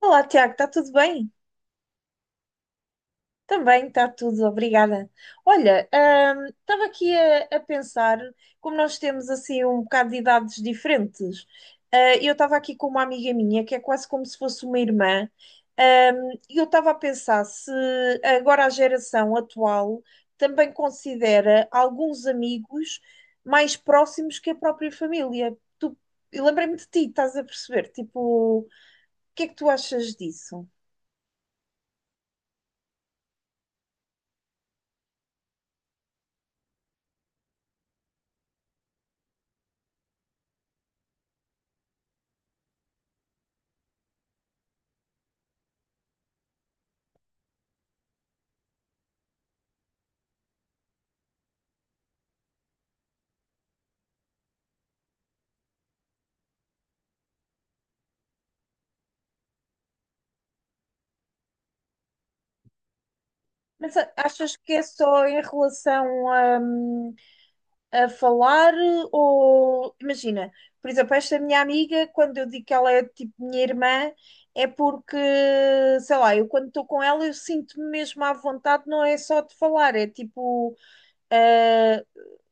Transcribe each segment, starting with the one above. Olá, Tiago, está tudo bem? Também está tudo, obrigada. Olha, estava aqui a pensar, como nós temos assim um bocado de idades diferentes, eu estava aqui com uma amiga minha que é quase como se fosse uma irmã, e eu estava a pensar se agora a geração atual também considera alguns amigos mais próximos que a própria família. Tu, eu lembrei-me de ti, estás a perceber? Tipo, o que é que tu achas disso? Mas achas que é só em relação a falar ou imagina, por exemplo, esta minha amiga, quando eu digo que ela é tipo minha irmã, é porque, sei lá, eu quando estou com ela eu sinto-me mesmo à vontade, não é só de falar, é tipo ah,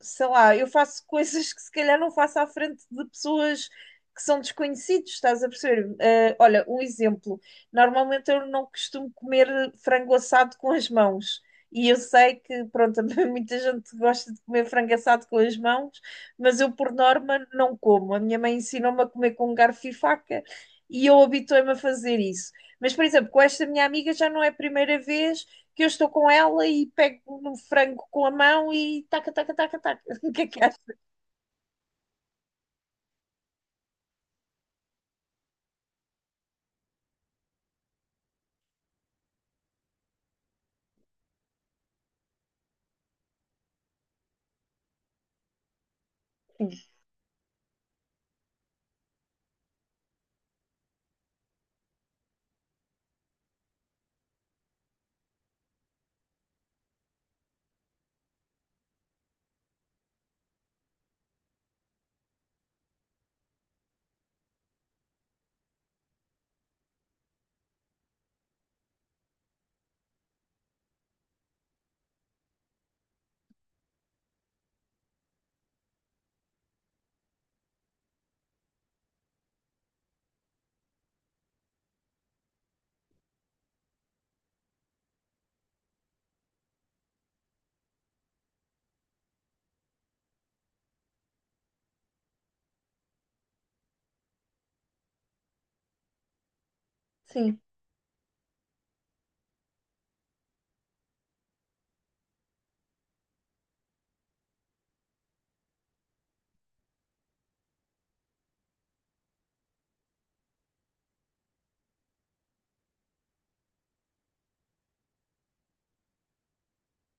sei lá, eu faço coisas que se calhar não faço à frente de pessoas que são desconhecidos, estás a perceber? Ah, olha, um exemplo. Normalmente eu não costumo comer frango assado com as mãos. E eu sei que, pronto, muita gente gosta de comer frango assado com as mãos, mas eu, por norma, não como. A minha mãe ensinou-me a comer com garfo e faca e eu habituei-me a fazer isso. Mas, por exemplo, com esta minha amiga já não é a primeira vez que eu estou com ela e pego no frango com a mão e taca, taca, taca, taca. O que é que achas? Sim,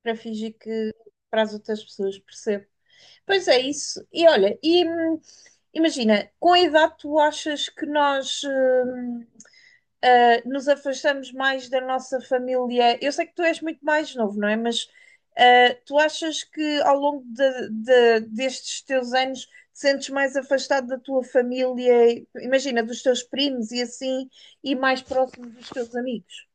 para fingir que para as outras pessoas, percebo. Pois é isso. E olha, imagina, com a idade tu achas que nós nos afastamos mais da nossa família. Eu sei que tu és muito mais novo, não é? Mas tu achas que ao longo destes teus anos te sentes mais afastado da tua família, imagina, dos teus primos e assim, e mais próximo dos teus amigos?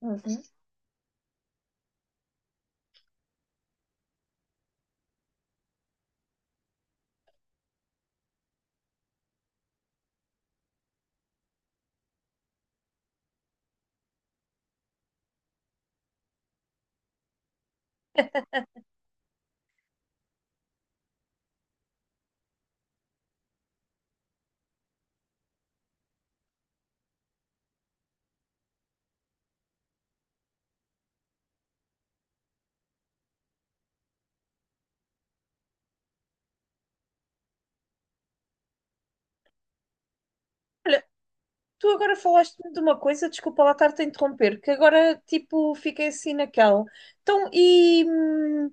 Uhum. Olha, tu agora falaste-me de uma coisa, desculpa lá estar-te a interromper, que agora tipo fiquei assim naquela. Então,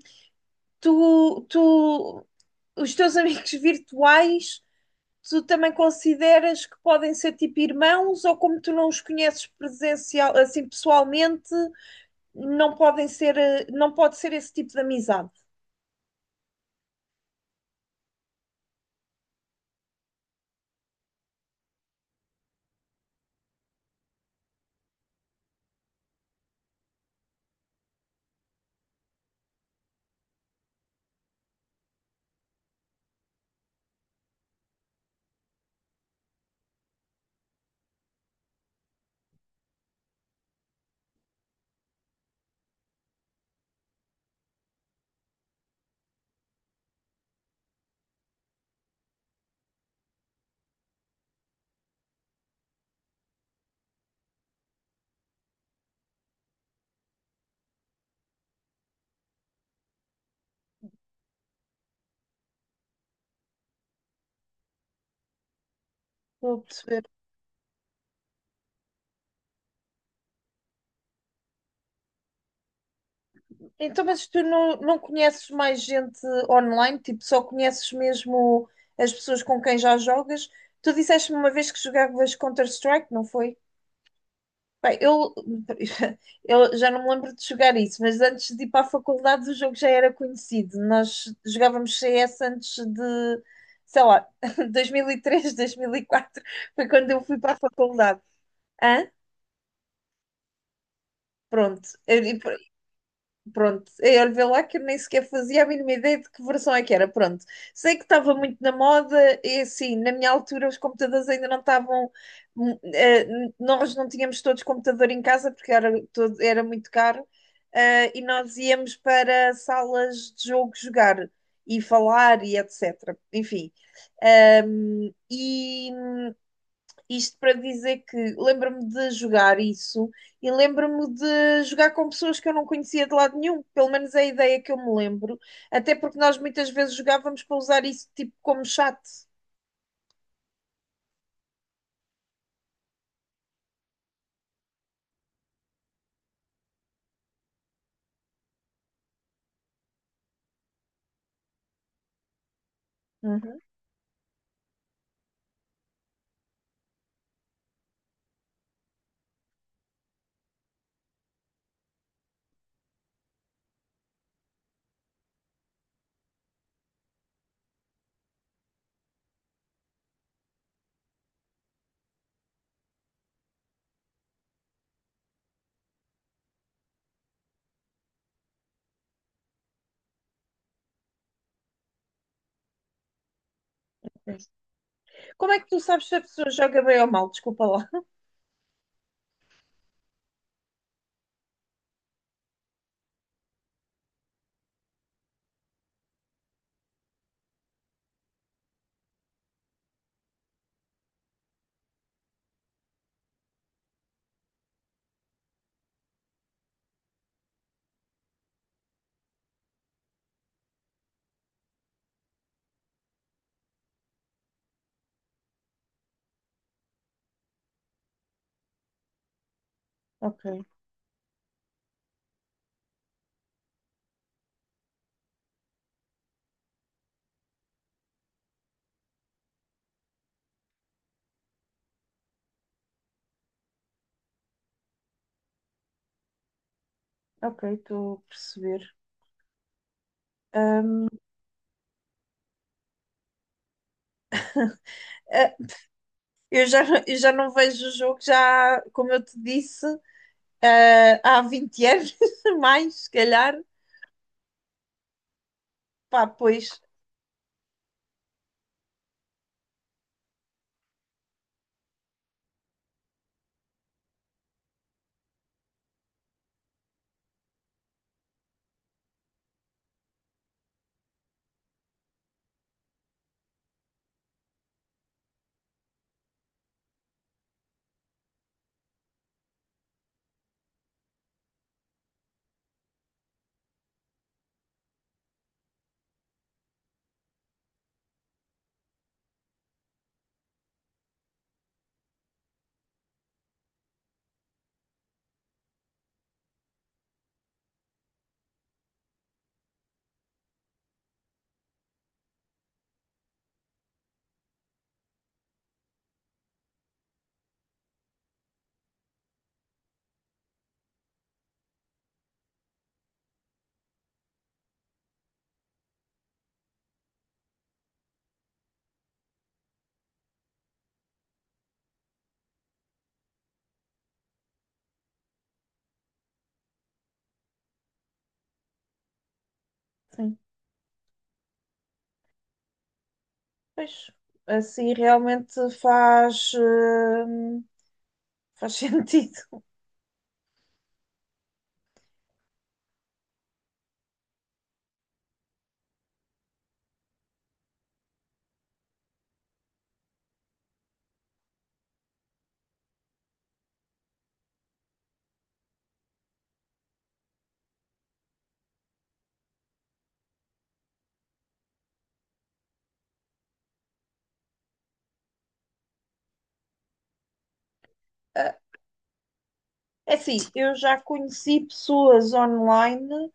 tu, os teus amigos virtuais, tu também consideras que podem ser tipo irmãos ou como tu não os conheces presencial, assim pessoalmente, não podem ser, não pode ser esse tipo de amizade? Estou a perceber. Então, mas tu não, não conheces mais gente online? Tipo, só conheces mesmo as pessoas com quem já jogas? Tu disseste-me uma vez que jogavas Counter-Strike, não foi? Bem, eu já não me lembro de jogar isso, mas antes de ir para a faculdade o jogo já era conhecido. Nós jogávamos CS antes de, sei lá, 2003, 2004, foi quando eu fui para a faculdade. Hã? Pronto. Pronto, eu vê lá que eu nem sequer fazia a mínima ideia de que versão é que era. Pronto, sei que estava muito na moda e assim, na minha altura os computadores ainda não estavam. hum, eh, Nós não tínhamos todos computador em casa porque era, todo, era muito caro e nós íamos para salas de jogo jogar e falar e etc. Enfim, e isto para dizer que lembro-me de jogar isso e lembro-me de jogar com pessoas que eu não conhecia de lado nenhum, pelo menos é a ideia que eu me lembro, até porque nós muitas vezes jogávamos para usar isso tipo como chat. Uhum. Como é que tu sabes se a pessoa joga bem ou mal? Desculpa lá. Ok. Ok, estou a perceber. Ahm, eh, eu já não vejo o jogo, já, como eu te disse, há 20 anos, mais, se calhar. Pá, pois, sim, pois, assim realmente faz, faz sentido. Ah, é assim, eu já conheci pessoas online.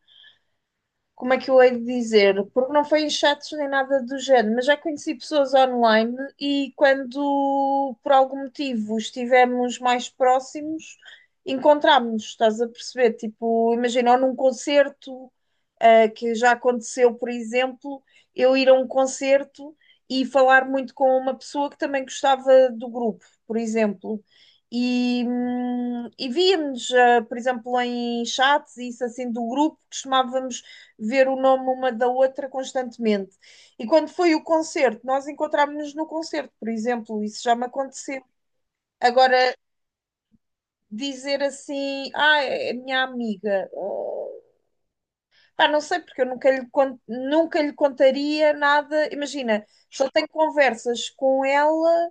Como é que eu hei de dizer? Porque não foi em chats nem nada do género, mas já conheci pessoas online e quando por algum motivo estivemos mais próximos, encontrámos-nos, estás a perceber? Tipo, imagina, ou num concerto, que já aconteceu, por exemplo, eu ir a um concerto e falar muito com uma pessoa que também gostava do grupo, por exemplo. E víamos, por exemplo, em chats, e isso assim do grupo, costumávamos ver o nome uma da outra constantemente. E quando foi o concerto, nós encontrámos-nos no concerto, por exemplo, isso já me aconteceu. Agora, dizer assim, ah, é minha amiga, oh, pá, não sei, porque eu nunca lhe, nunca lhe contaria nada. Imagina, só tenho conversas com ela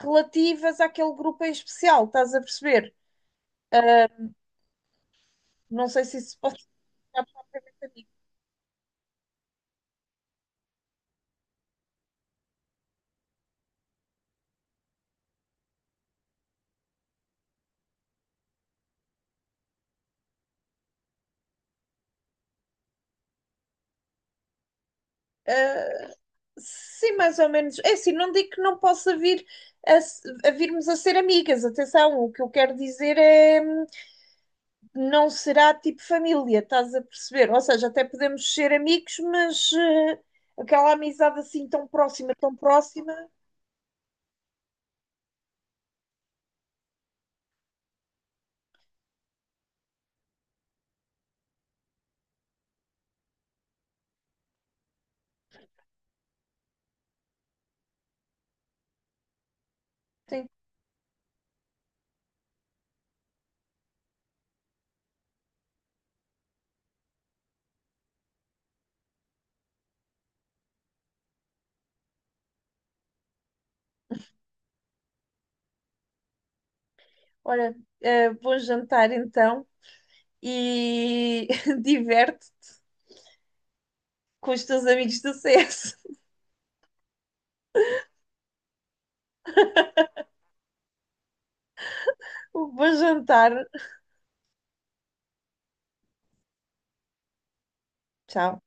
relativas àquele grupo em especial, estás a perceber? Não sei se isso pode. Sim, mais ou menos. É assim, não digo que não possa vir a, a virmos a ser amigas. Atenção, o que eu quero dizer é não será tipo família, estás a perceber? Ou seja, até podemos ser amigos, mas aquela amizade assim tão próxima, tão próxima. Tem... Olha, bom jantar então e diverte com os teus amigos do CS. Bom jantar. Tchau.